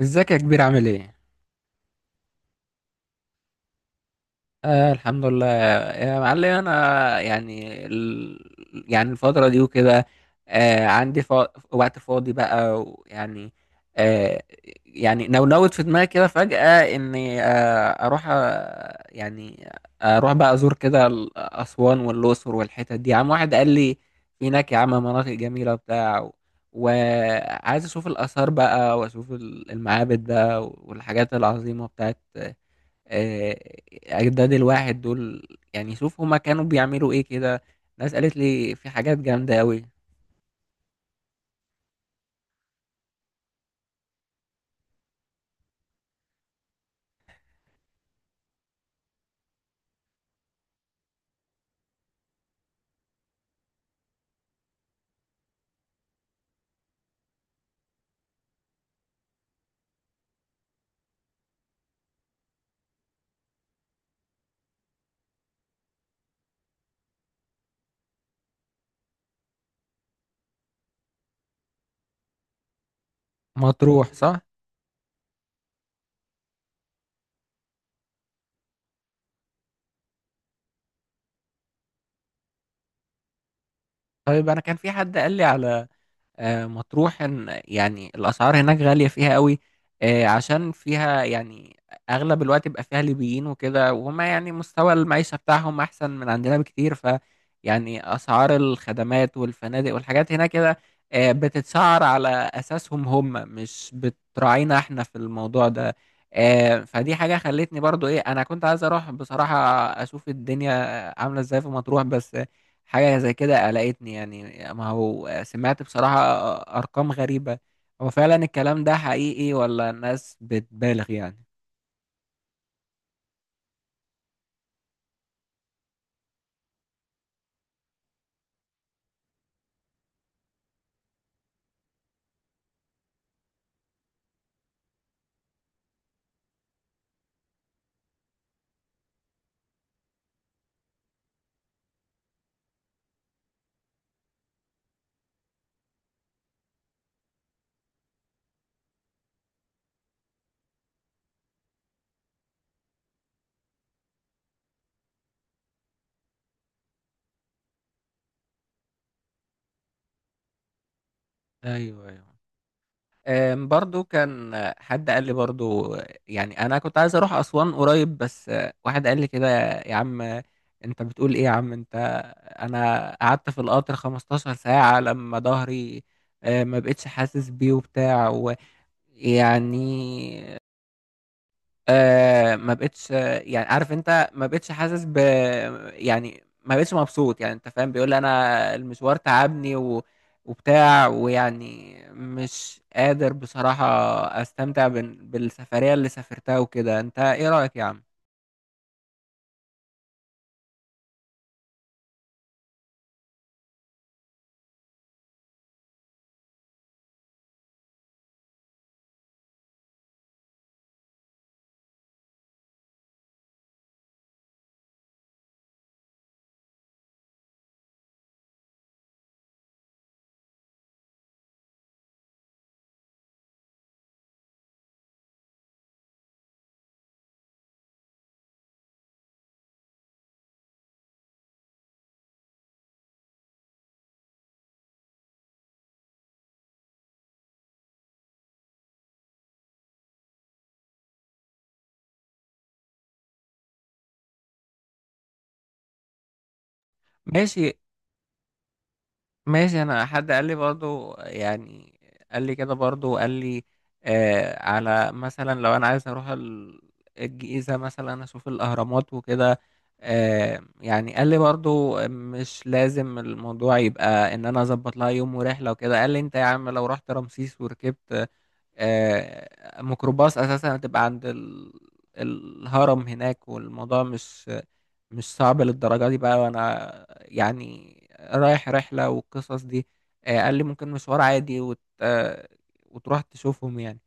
ازيك يا كبير عامل ايه؟ آه، الحمد لله. يا معلم انا يعني يعني الفترة دي وكده. عندي وقت فاضي بقى ويعني آه يعني نونوت في دماغي كده فجأة اني اروح يعني اروح بقى ازور كده اسوان والاقصر والحتت دي. عم واحد قال لي في هناك يا عم مناطق جميلة وبتاع وعايز اشوف الاثار بقى واشوف المعابد بقى والحاجات العظيمة بتاعت آه، أجداد الواحد دول. يعني شوف هما كانوا بيعملوا إيه كده. ناس قالت لي في حاجات جامدة أوي. مطروح صح؟ طيب أنا كان في حد قال لي على مطروح يعني الأسعار هناك غالية فيها قوي. عشان فيها يعني أغلب الوقت بيبقى فيها ليبيين وكده، وهم يعني مستوى المعيشة بتاعهم أحسن من عندنا بكتير. ف يعني أسعار الخدمات والفنادق والحاجات هناك كده بتتسعر على أساسهم هم، مش بتراعينا إحنا في الموضوع ده. فدي حاجة خلتني برضو إيه، أنا كنت عايز أروح بصراحة أشوف الدنيا عاملة إزاي في مطروح، بس حاجة زي كده قلقتني يعني. ما هو سمعت بصراحة أرقام غريبة. هو فعلا الكلام ده حقيقي ولا الناس بتبالغ يعني؟ ايوه، ايوه. برضو كان حد قال لي برضو يعني. أنا كنت عايز أروح أسوان قريب، بس واحد قال لي كده يا عم، أنت بتقول إيه يا عم أنت؟ أنا قعدت في القطر 15 ساعة لما ظهري ما بقتش حاسس بيه وبتاع، ويعني ما بقتش يعني عارف انت ما بقتش حاسس ب، يعني ما بقتش مبسوط يعني انت فاهم. بيقول لي انا المشوار تعبني وبتاع، ويعني مش قادر بصراحة استمتع بالسفرية اللي سافرتها وكده. انت ايه رأيك يا عم؟ ماشي. ماشي، انا حد قال لي برضو يعني، قال لي كده برضو، قال لي على مثلا لو انا عايز اروح الجيزة مثلا اشوف الاهرامات وكده. يعني قال لي برضو مش لازم الموضوع يبقى ان انا اظبط لها يوم ورحلة وكده. قال لي انت يا عم لو رحت رمسيس وركبت ميكروباص اساسا هتبقى عند الهرم هناك، والموضوع مش صعب للدرجه دي بقى. وانا يعني رايح رحله والقصص دي. قال لي ممكن مشوار عادي وت... آه، وتروح تشوفهم يعني.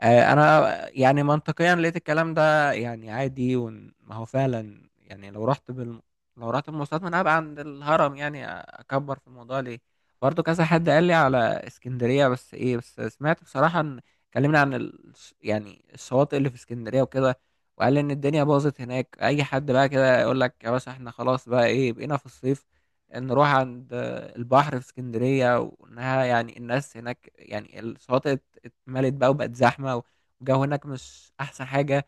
انا يعني منطقيا لقيت الكلام ده يعني عادي. وما هو فعلا يعني لو رحت لو رحت بالمواصلات من ابعد عند الهرم، يعني اكبر في الموضوع ليه؟ برضو كذا حد قال لي على اسكندرية، بس ايه بس سمعت بصراحة ان اتكلمنا عن يعني الشواطئ اللي في اسكندرية وكده، وقال لي ان الدنيا باظت هناك. اي حد بقى كده يقول لك يا باشا احنا خلاص بقى، ايه، بقينا في الصيف نروح عند البحر في اسكندرية، وانها يعني الناس هناك يعني الشواطئ ملت بقى وبقت زحمة، والجو هناك مش أحسن حاجة.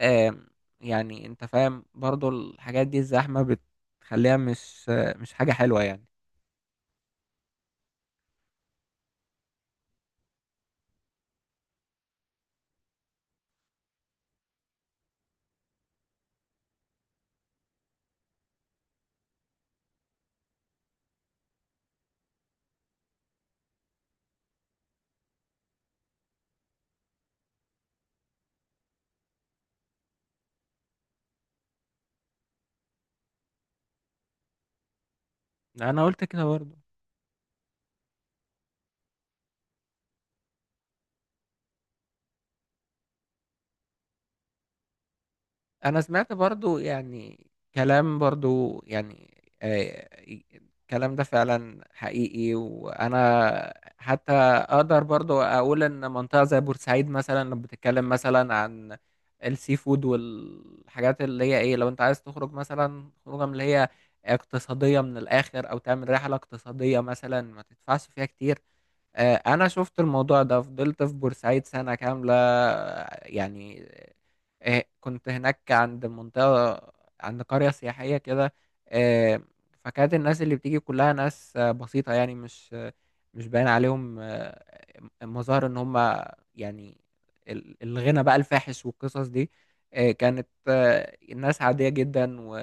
آم، يعني أنت فاهم برضو الحاجات دي الزحمة بتخليها مش حاجة حلوة يعني. أنا قلت كده برضو. انا سمعت برضو يعني كلام برضو يعني آه، الكلام ده فعلا حقيقي. وانا حتى اقدر برضو اقول ان منطقة زي بورسعيد مثلا، لما بتتكلم مثلا عن السي فود والحاجات اللي هي ايه، لو انت عايز تخرج مثلا خروجه من اللي هي اقتصادية من الاخر، او تعمل رحلة اقتصادية مثلا ما تدفعش فيها كتير. انا شفت الموضوع ده، فضلت في بورسعيد سنة كاملة يعني. كنت هناك عند منطقة، عند قرية سياحية كده. آه، فكانت الناس اللي بتيجي كلها ناس بسيطة، يعني مش باين عليهم مظاهر ان هم يعني الغنى بقى الفاحش والقصص دي. كانت الناس عادية جدا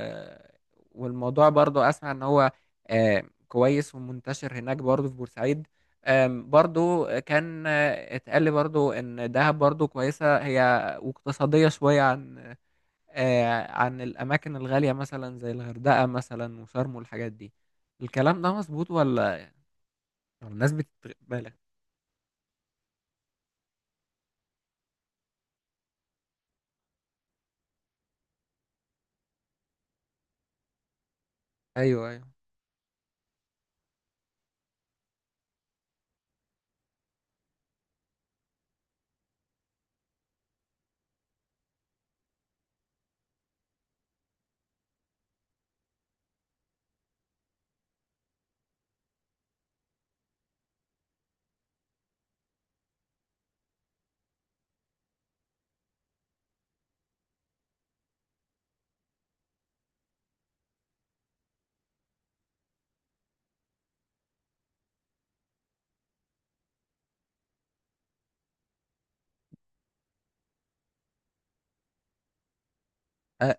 والموضوع برضو اسمع ان هو كويس ومنتشر هناك برضو في بورسعيد. برضو كان اتقال لي برضو ان دهب برضو كويسة، هي واقتصادية شوية عن عن الاماكن الغالية مثلا زي الغردقة مثلا وشرم والحاجات دي. الكلام ده مظبوط ولا الناس بتتبالغ؟ ايوه، ايوه. اه.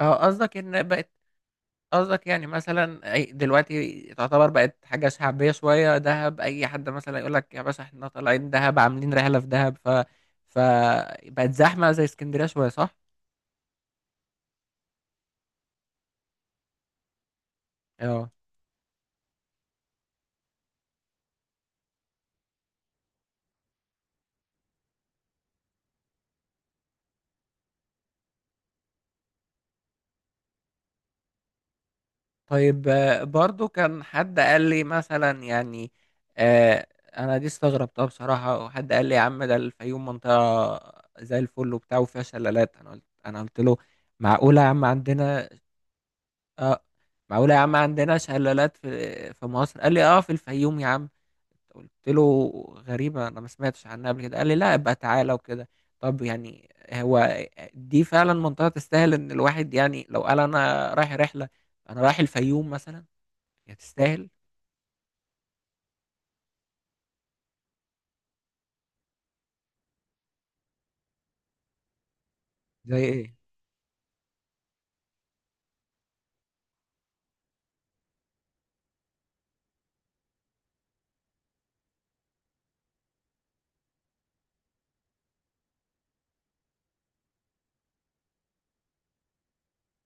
قصدك ان بقت، قصدك يعني مثلا دلوقتي تعتبر بقت حاجة شعبية شوية دهب، اي حد مثلا يقول لك يا باشا احنا طالعين دهب عاملين رحلة في دهب، فبقت زحمة زي اسكندرية شوية صح؟ اه. طيب برضو كان حد قال لي مثلا يعني آه انا دي استغربتها بصراحة. وحد قال لي يا عم ده الفيوم منطقة زي الفل وبتاع وفيها شلالات. انا قلت له معقولة يا عم عندنا؟ آه معقولة يا عم عندنا شلالات في مصر؟ قال لي في الفيوم يا عم. قلت له غريبة، أنا ما سمعتش عنها قبل كده. قال لي لا ابقى تعالى وكده. طب يعني هو دي فعلا منطقة تستاهل إن الواحد يعني لو قال أنا رايح رحلة، أنا رايح الفيوم مثلا، هي تستاهل؟ زي ايه؟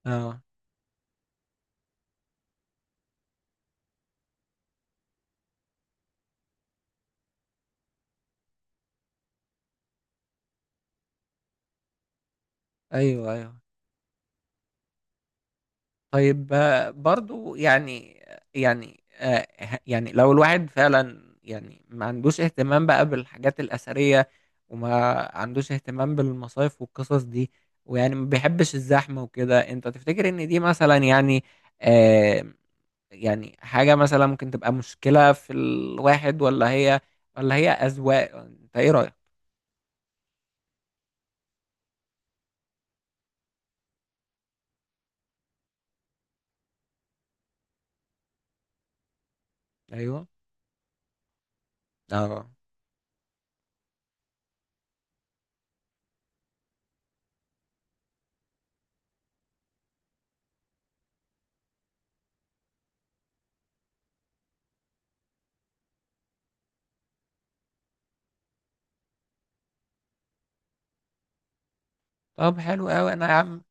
اه. ايوه، ايوه. طيب برضو يعني، يعني يعني لو الواحد فعلا يعني ما عندوش اهتمام بقى بالحاجات الأثرية، وما عندوش اهتمام بالمصايف والقصص دي، ويعني ما بيحبش الزحمة وكده، انت تفتكر ان دي مثلا يعني آه يعني حاجة مثلا ممكن تبقى مشكلة في الواحد، ولا هي أذواق؟ انت ايه رأيك؟ ايوه. اه. طب حلو قوي. انا يا عم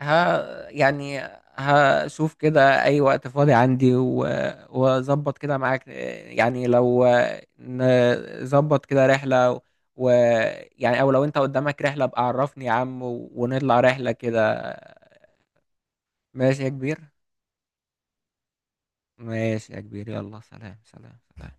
ها يعني هشوف كده اي وقت فاضي عندي واظبط كده معاك يعني. لو نظبط كده رحلة، ويعني او لو انت قدامك رحلة ابقى عرفني يا عم ونطلع رحلة كده. ماشي يا كبير. ماشي يا كبير، يلا سلام سلام سلام.